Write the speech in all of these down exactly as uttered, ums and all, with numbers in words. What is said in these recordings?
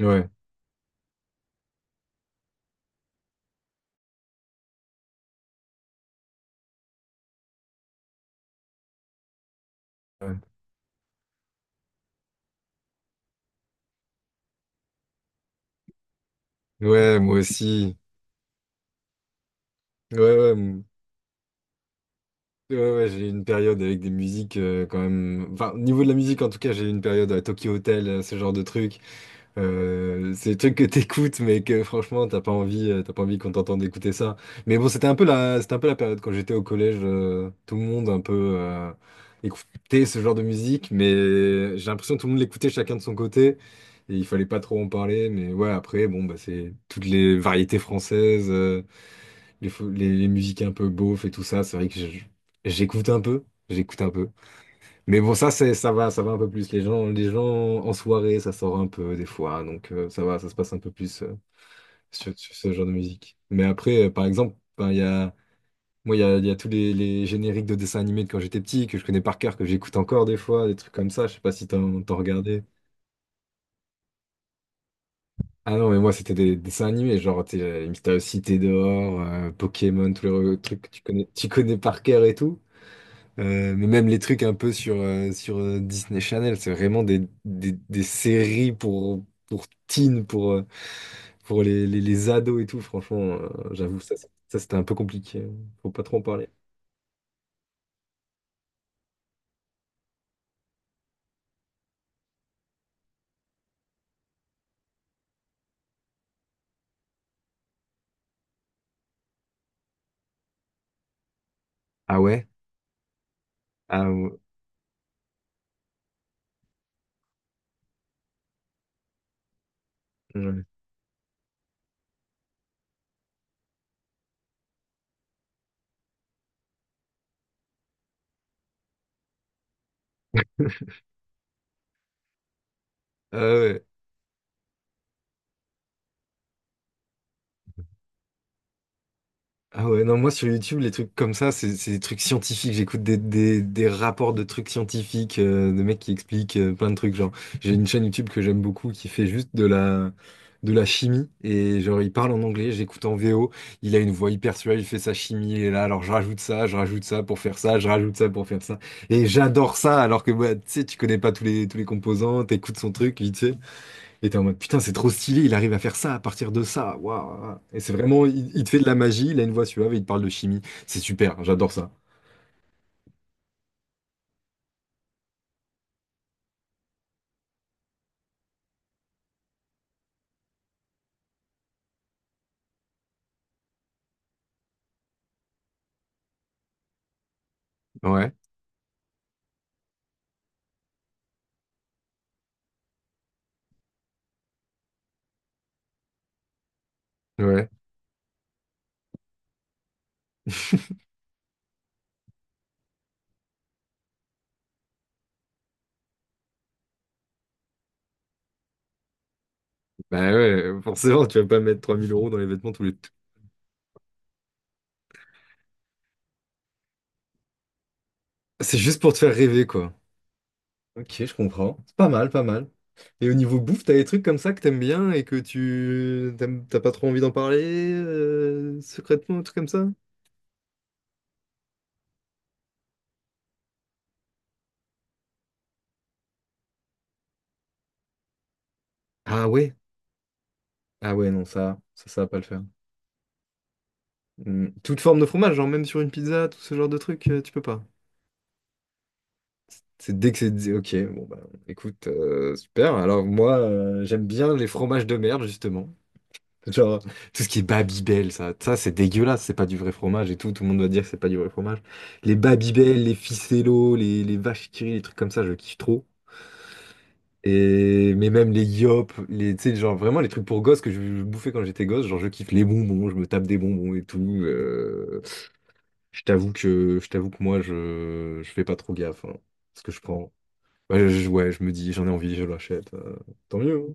Ouais, ouais, ouais, moi aussi. Ouais, ouais, m- ouais, ouais, j'ai eu une période avec des musiques euh, quand même. Enfin, au niveau de la musique, en tout cas, j'ai eu une période à Tokyo Hotel, euh, ce genre de trucs. Euh, c'est des trucs que t'écoutes, mais que franchement, t'as pas envie, euh, t'as pas envie qu'on t'entende écouter ça. Mais bon, c'était un peu la, c'était un peu la période quand j'étais au collège. Euh, tout le monde un peu euh, écoutait ce genre de musique, mais j'ai l'impression que tout le monde l'écoutait chacun de son côté. Et il fallait pas trop en parler, mais ouais, après, bon, bah, c'est toutes les variétés françaises. euh, les, fo- les, les musiques un peu beauf et tout ça, c'est vrai que je- j'écoute un peu, j'écoute un peu. Mais bon, ça, c'est, ça va, ça va un peu plus. Les gens, les gens en soirée, ça sort un peu des fois, donc euh, ça va, ça se passe un peu plus euh, sur, sur ce genre de musique. Mais après, euh, par exemple, ben, il y a, moi, il y a, il y a tous les, les génériques de dessins animés de quand j'étais petit, que je connais par cœur, que j'écoute encore des fois, des trucs comme ça, je sais pas si t'en, t'en regardais. Ah non, mais moi, c'était des, des dessins animés, genre t'es, euh, Mystérieuse Cité dehors, euh, Pokémon, tous les re- trucs que tu connais, tu connais par cœur et tout. Euh, mais même les trucs un peu sur, euh, sur euh, Disney Channel, c'est vraiment des, des, des séries pour, pour teen, pour, euh, pour les, les, les ados et tout. Franchement, euh, j'avoue, ça, c'est- ça c'était un peu compliqué. Faut pas trop en parler. Ah ouais? Ah ouais. Ouais. Ah ouais. Ah ouais, non, moi sur YouTube, les trucs comme ça, c'est c'est des trucs scientifiques. J'écoute des, des, des rapports de trucs scientifiques, euh, de mecs qui expliquent euh, plein de trucs. Genre, j'ai une chaîne YouTube que j'aime beaucoup qui fait juste de la, de la chimie. Et genre, il parle en anglais, j'écoute en V O. Il a une voix hyper suave, il fait sa chimie. Et là, alors je rajoute ça, je rajoute ça pour faire ça, je rajoute ça pour faire ça. Et j'adore ça, alors que bah, tu sais, tu connais pas tous les, tous les composants, t'écoutes son truc, vite fait. Et t'es en mode, putain, c'est trop stylé, il arrive à faire ça à partir de ça. Waouh. Et c'est vraiment, il, il te fait de la magie, il a une voix suave et il te parle de chimie. C'est super, j'adore ça. Ouais, ouais. Bah ouais, forcément, tu vas pas mettre trois mille euros dans les vêtements tous les... C'est juste pour te faire rêver, quoi. Ok, je comprends. C'est pas mal, pas mal. Et au niveau bouffe, t'as des trucs comme ça que t'aimes bien et que tu t'aimes- t'as pas trop envie d'en parler euh, secrètement, un truc comme ça? Ah ouais? Ah ouais, non, ça, ça, ça va pas le faire. Hmm. Toute forme de fromage, genre même sur une pizza, tout ce genre de truc, euh, tu peux pas. C'est dès que c'est dit, ok, bon bah écoute, euh, super. Alors moi, euh, j'aime bien les fromages de merde, justement. Genre, tout ce qui est Babybel, ça, ça c'est dégueulasse, c'est pas du vrai fromage et tout, tout le monde va dire que c'est pas du vrai fromage. Les Babybel, les Ficello, les, les vaches qui rient, les trucs comme ça, je kiffe trop. Et, mais même les Yop, les, tu sais, genre vraiment les trucs pour gosses que je, je bouffais quand j'étais gosse, genre je kiffe les bonbons, je me tape des bonbons et tout. euh, je t'avoue que, je t'avoue que moi, je, je fais pas trop gaffe, hein, ce que je prends. Bah, je, ouais, je me dis, j'en ai envie, je l'achète. Euh, tant mieux, hein.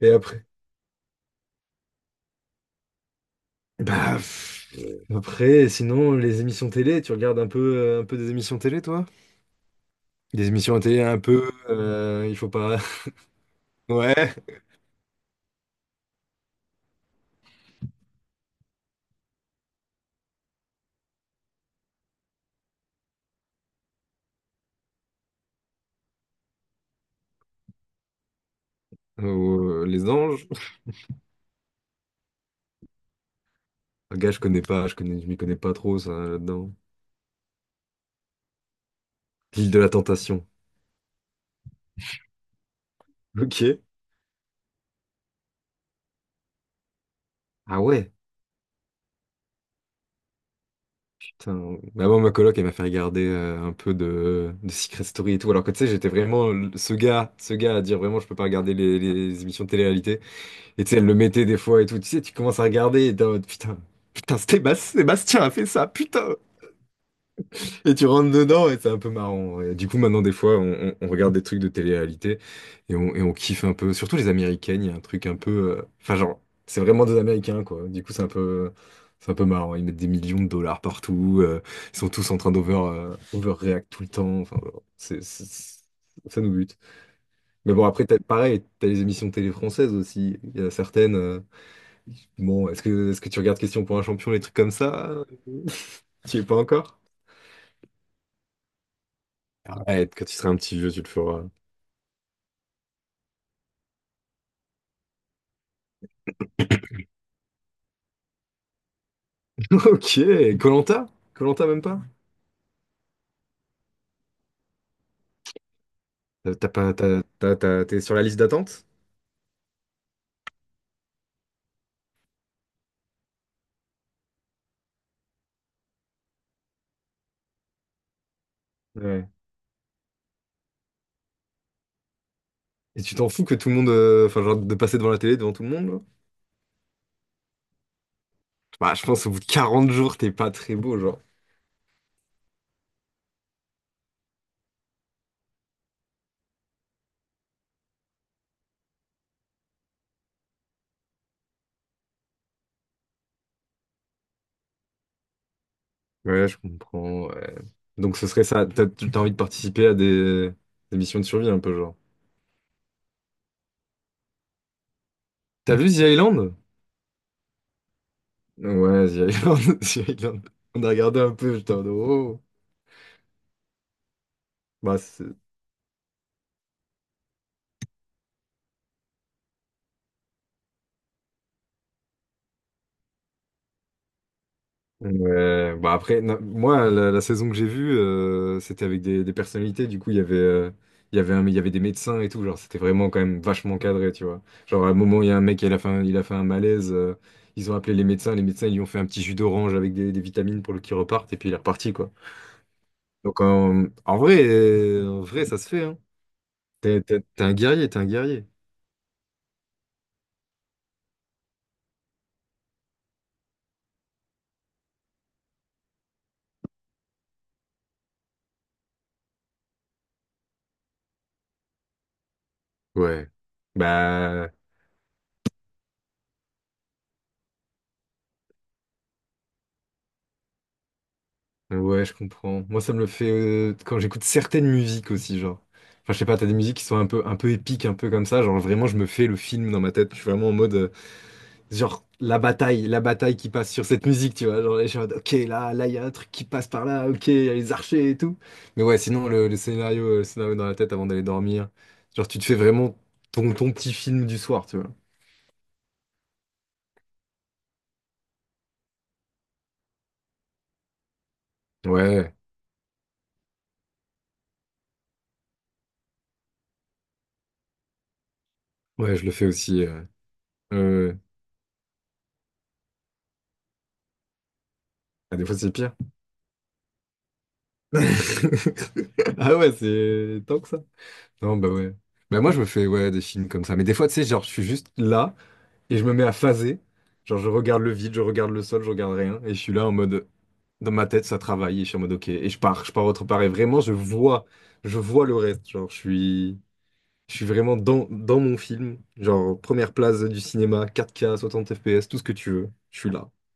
Et après? Bah, pff, après, sinon, les émissions télé, tu regardes un peu, euh, un peu des émissions télé, toi? Des émissions à télé un peu, euh, il faut pas. Ouais. Ou, euh, les anges. Ah, Gars, je connais pas, je connais, je m'y connais pas trop, ça, là-dedans. L'île de la Tentation. Ok. Ah ouais, putain. Bah, moi, ma coloc, elle m'a fait regarder euh, un peu de, de Secret Story et tout. Alors que tu sais, j'étais vraiment le- ce gars, ce gars à dire vraiment, je peux pas regarder les, les émissions de télé-réalité. Et tu sais, elle le mettait des fois et tout. Tu sais, tu commences à regarder et t'es en mode putain, putain, Stéba- Sébastien a fait ça, putain! Et tu rentres dedans et c'est un peu marrant. Et du coup, maintenant, des fois, on, on- on regarde des trucs de télé-réalité et on, et on kiffe un peu. Surtout les Américaines, il y a un truc un peu. euh, Enfin, genre, c'est vraiment des Américains, quoi. Du coup, c'est un peu. C'est un peu marrant, ils mettent des millions de dollars partout, euh, ils sont tous en train d'over, euh, overreact tout le temps, enfin, voilà. C'est, c'est- ça nous bute. Mais bon, après, t'as- pareil, t'as les émissions télé françaises aussi, il y a certaines. euh, Bon, est-ce que, est-ce que tu regardes Question pour un champion, les trucs comme ça? Tu y es pas encore? Arrête, quand tu seras un petit vieux, tu le feras. Ok, Colanta Colanta même pas? Euh, T'as pas, t'as- t'as- t'as- t'es sur la liste d'attente? Ouais. Et tu t'en fous que tout le monde, euh, enfin, genre, de passer devant la télé, devant tout le monde là? Bah, je pense au bout de quarante jours, t'es pas très beau, genre. Ouais, je comprends, ouais. Donc ce serait ça, t'as t'as envie de participer à des, des missions de survie un peu, genre. T'as vu The Island? Ouais, The Island, The Island. On a regardé un peu, j'étais en mode, oh. Bah, c'est- Euh, bah après, na- moi, la, la saison que j'ai vue, euh, c'était avec des, des personnalités. Du coup, il y avait, euh, il y avait un- il y avait des médecins et tout. Genre, c'était vraiment quand même vachement cadré, tu vois. Genre, à un moment, il y a un mec, il a fait un, il a fait un malaise. Euh, ils ont appelé les médecins. Les médecins, ils lui ont fait un petit jus d'orange avec des, des vitamines pour le qu'il reparte. Et puis, il est reparti, quoi. Donc, en, en vrai, euh, en vrai, ça se fait, hein. T'es, t'es- t'es un guerrier, t'es un guerrier. Ouais. Bah, ouais, je comprends. Moi, ça me le fait euh, quand j'écoute certaines musiques aussi, genre. Enfin, je sais pas, t'as des musiques qui sont un peu, un peu épiques, un peu comme ça. Genre, vraiment, je me fais le film dans ma tête. Je suis vraiment en mode, euh, genre, la bataille, la bataille qui passe sur cette musique, tu vois. Genre, je suis en mode, ok, là, là, il y a un truc qui passe par là, ok, il y a les archers et tout. Mais ouais, sinon, le, le scénario, euh, le scénario dans la tête avant d'aller dormir. Genre, tu te fais vraiment ton, ton petit film du soir, tu vois. Ouais, ouais, je le fais aussi. euh. Euh, ah, des fois, c'est pire. Ah ouais, c'est tant que ça. Non, bah ouais. Bah moi, je me fais, ouais, des films comme ça. Mais des fois, tu sais, genre, je suis juste là et je me mets à phaser. Genre, je regarde le vide, je regarde le sol, je regarde rien. Et je suis là en mode, dans ma tête, ça travaille. Et je suis en mode, ok. Et je pars, je pars autre part. Et vraiment, je vois, je vois le reste. Genre, je suis, je suis vraiment dans, dans mon film. Genre, première place du cinéma, quatre K, soixante F P S, tout ce que tu veux. Je suis là.